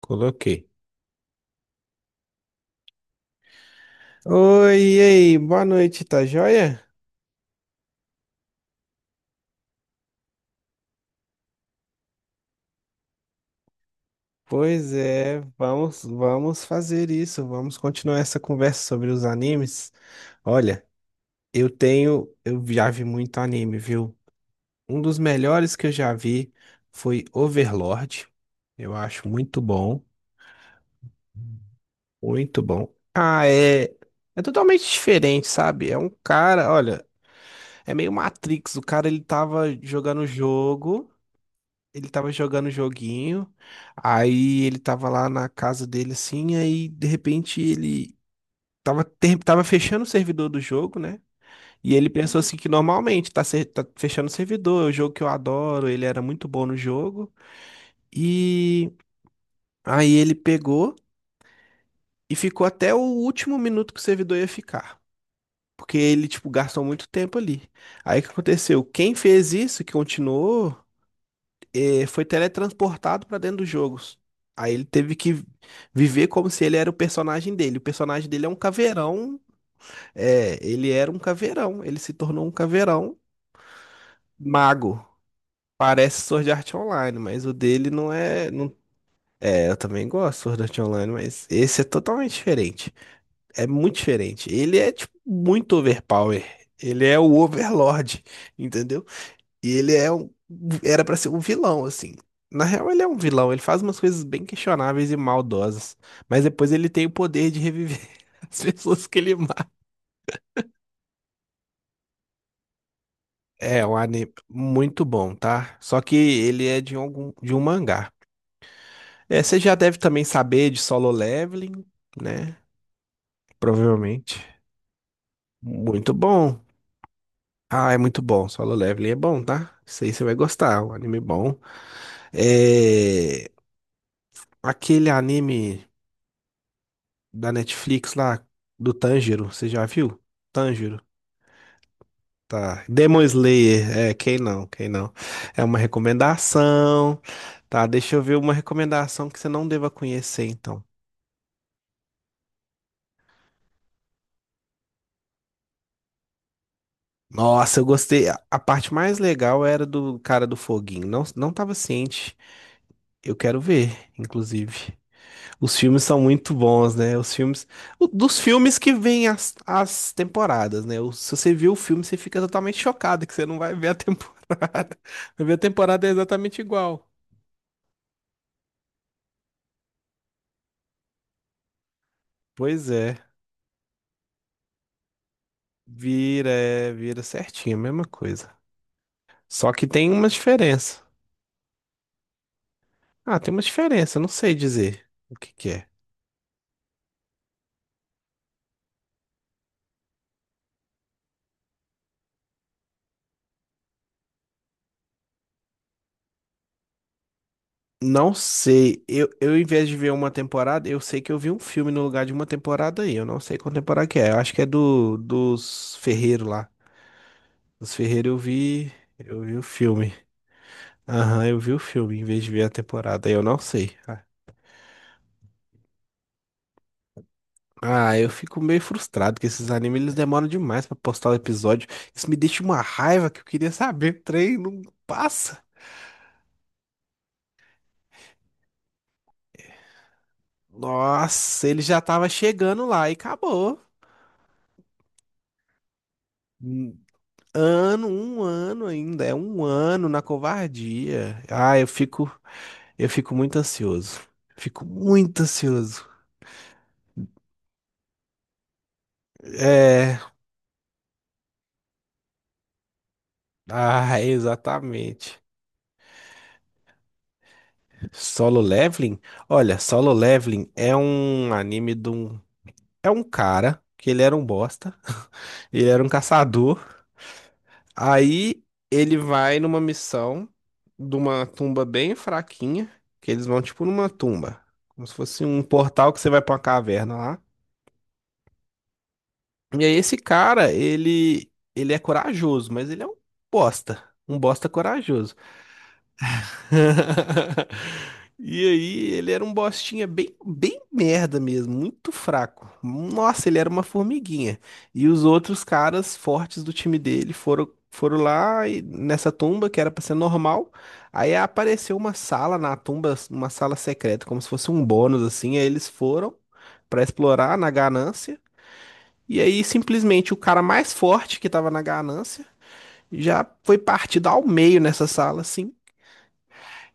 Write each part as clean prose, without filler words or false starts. Coloquei. Oi, e aí, boa noite, tá joia? Pois é, vamos fazer isso, vamos continuar essa conversa sobre os animes. Olha, eu já vi muito anime, viu? Um dos melhores que eu já vi foi Overlord. Eu acho muito bom, muito bom. Ah, é, é totalmente diferente, sabe? É um cara, olha, é meio Matrix, o cara ele tava jogando o jogo. Ele tava jogando o joguinho, aí ele tava lá na casa dele assim, aí de repente ele tava fechando o servidor do jogo, né? E ele pensou assim que normalmente tá fechando o servidor, é o jogo que eu adoro, ele era muito bom no jogo. E aí ele pegou e ficou até o último minuto que o servidor ia ficar. Porque ele, tipo, gastou muito tempo ali. Aí o que aconteceu? Quem fez isso, que continuou foi teletransportado pra dentro dos jogos. Aí ele teve que viver como se ele era o personagem dele. O personagem dele é um caveirão. É, ele era um caveirão. Ele se tornou um caveirão mago. Parece Sword Art Online, mas o dele não é. Não... É, eu também gosto de Sword Art Online, mas esse é totalmente diferente. É muito diferente. Ele é, tipo, muito overpower. Ele é o Overlord, entendeu? E ele é era pra ser um vilão, assim. Na real, ele é um vilão. Ele faz umas coisas bem questionáveis e maldosas. Mas depois ele tem o poder de reviver as pessoas que ele mata. É um anime muito bom, tá? Só que ele é de de um mangá. É, você já deve também saber de Solo Leveling, né? Provavelmente. Muito bom. Ah, é muito bom. Solo Leveling é bom, tá? Isso aí você vai gostar. É um anime bom. É... Aquele anime da Netflix lá, do Tanjiro, você já viu? Tanjiro, tá. Demon Slayer, é, quem não, quem não. É uma recomendação, tá? Deixa eu ver uma recomendação que você não deva conhecer, então. Nossa, eu gostei. A parte mais legal era do cara do foguinho. Não, não tava ciente. Eu quero ver, inclusive. Os filmes são muito bons, né? Os filmes. Dos filmes que vêm as temporadas, né? Se você viu o filme, você fica totalmente chocado que você não vai ver a temporada. Vai ver a temporada é exatamente igual. Pois é. Vira, é, vira certinho, a mesma coisa. Só que tem uma diferença. Ah, tem uma diferença, eu não sei dizer o que que é. Não sei. Em vez de ver uma temporada, eu sei que eu vi um filme no lugar de uma temporada aí. Eu não sei qual temporada que é. Eu acho que é do dos Ferreiro lá. Os Ferreira eu vi o filme. Aham, eu vi o filme em vez de ver a temporada. Aí eu não sei. Eu fico meio frustrado que esses animes eles demoram demais pra postar o episódio. Isso me deixa uma raiva que eu queria saber. O trem não passa. Nossa, ele já tava chegando lá e acabou. Um um ano ainda. É um ano na covardia. Ah, eu fico muito ansioso. Fico muito ansioso. É, ah, exatamente. Solo Leveling? Olha, Solo Leveling é um anime de um. É um cara que ele era um bosta, ele era um caçador. Aí ele vai numa missão de uma tumba bem fraquinha, que eles vão tipo numa tumba, como se fosse um portal que você vai pra uma caverna lá. E aí esse cara, ele é corajoso, mas ele é bosta, um bosta corajoso. E aí, ele era um bostinha bem, bem merda mesmo, muito fraco. Nossa, ele era uma formiguinha. E os outros caras fortes do time dele foram lá nessa tumba que era pra ser normal. Aí apareceu uma sala na tumba, uma sala secreta, como se fosse um bônus assim. Aí eles foram pra explorar na ganância. E aí, simplesmente, o cara mais forte que tava na ganância já foi partido ao meio nessa sala, assim.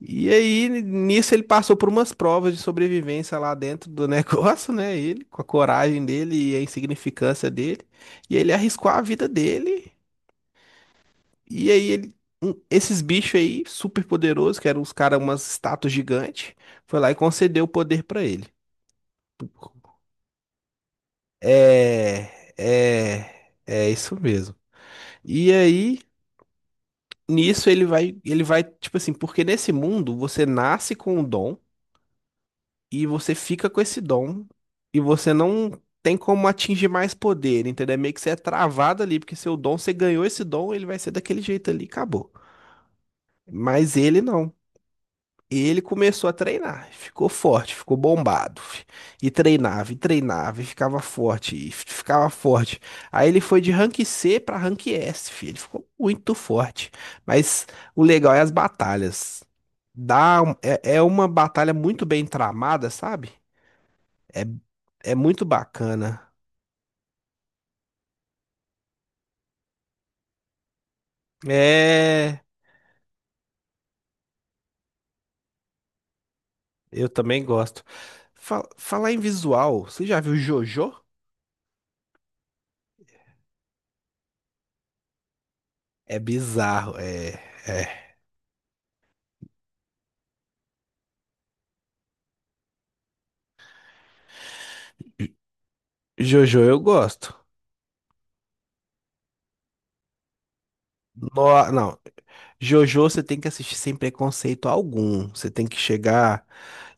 E aí, nisso, ele passou por umas provas de sobrevivência lá dentro do negócio, né? Ele, com a coragem dele e a insignificância dele. E ele arriscou a vida dele. E aí, ele, esses bichos aí, super poderosos, que eram os caras, umas estátuas gigantes, foi lá e concedeu o poder pra ele. É, é, é isso mesmo. E aí, nisso ele vai, tipo assim, porque nesse mundo você nasce com um dom, e você fica com esse dom e você não tem como atingir mais poder, entendeu? É meio que você é travado ali, porque seu dom, você ganhou esse dom, ele vai ser daquele jeito ali, acabou. Mas ele não. Ele começou a treinar, ficou forte, ficou bombado. Fi. E treinava, e treinava, e ficava forte, e ficava forte. Aí ele foi de rank C pra rank S, fi. Ele ficou muito forte. Mas o legal é as batalhas. É uma batalha muito bem tramada, sabe? É, é muito bacana. É, eu também gosto. Falar em visual, você já viu Jojo? É bizarro, é, é. Jojo eu gosto. No- não, Jojo você tem que assistir sem preconceito algum. Você tem que chegar,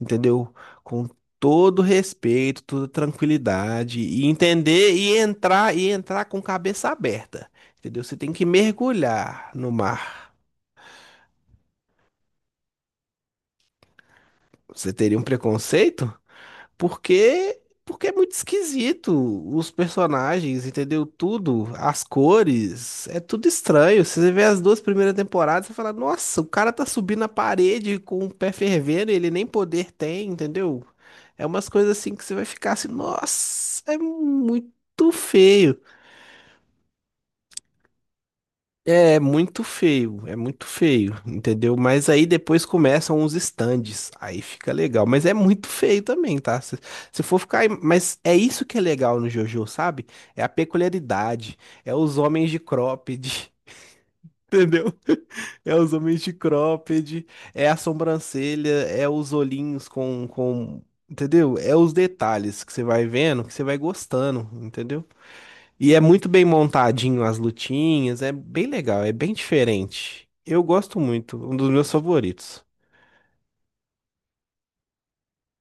entendeu? Com todo respeito, toda tranquilidade e entender e entrar com cabeça aberta, entendeu? Você tem que mergulhar no mar. Você teria um preconceito? Porque, porque é muito esquisito os personagens, entendeu? Tudo, as cores, é tudo estranho. Se você vê as duas primeiras temporadas, você fala, nossa, o cara tá subindo a parede com o pé fervendo, e ele nem poder tem, entendeu? É umas coisas assim que você vai ficar assim, nossa, é muito feio. É muito feio, é muito feio, entendeu? Mas aí depois começam os stands, aí fica legal. Mas é muito feio também, tá? Se for ficar. Mas é isso que é legal no JoJo, sabe? É a peculiaridade, é os homens de cropped, entendeu? É os homens de cropped, é a sobrancelha, é os olhinhos com. Entendeu? É os detalhes que você vai vendo, que você vai gostando, entendeu? E é muito bem montadinho as lutinhas, é bem legal, é bem diferente. Eu gosto muito, um dos meus favoritos.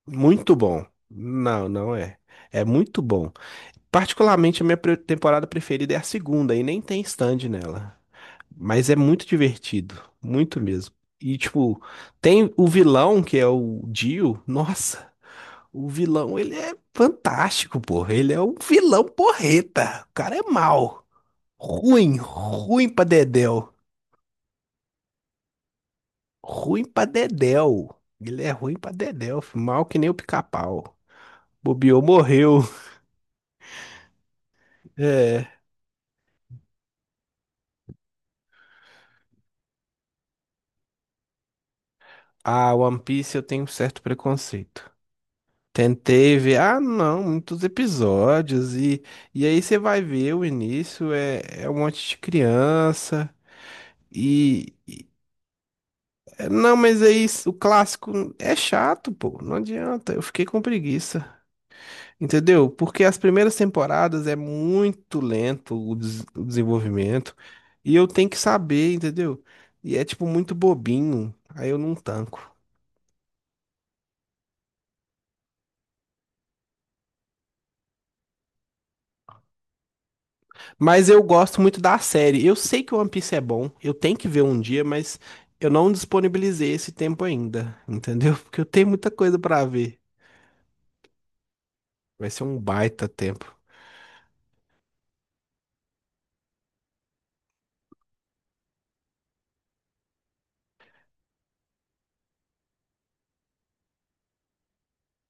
Muito bom. Não, não é. É muito bom. Particularmente a minha temporada preferida é a segunda e nem tem stand nela. Mas é muito divertido, muito mesmo. E tipo, tem o vilão que é o Dio. Nossa, o vilão, ele é fantástico, porra. Ele é um vilão porreta. O cara é mau. Ruim, ruim pra dedéu. Ruim pra dedéu. Ele é ruim pra dedéu, fi, mal que nem o pica-pau. Bobeou, morreu. É. Ah, One Piece eu tenho um certo preconceito. Tentei ver, ah, não, muitos episódios. E aí você vai ver o início, é, é um monte de criança. E. Não, mas aí o clássico é chato, pô. Não adianta. Eu fiquei com preguiça. Entendeu? Porque as primeiras temporadas é muito lento o desenvolvimento e eu tenho que saber, entendeu? E é tipo muito bobinho, aí eu não tanco. Mas eu gosto muito da série. Eu sei que o One Piece é bom, eu tenho que ver um dia, mas eu não disponibilizei esse tempo ainda, entendeu? Porque eu tenho muita coisa pra ver. Vai ser um baita tempo.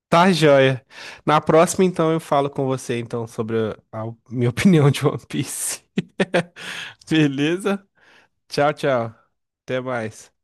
Tá, joia. Na próxima, então, eu falo com você então sobre a minha opinião de One Piece. Beleza? Tchau, tchau. Até mais.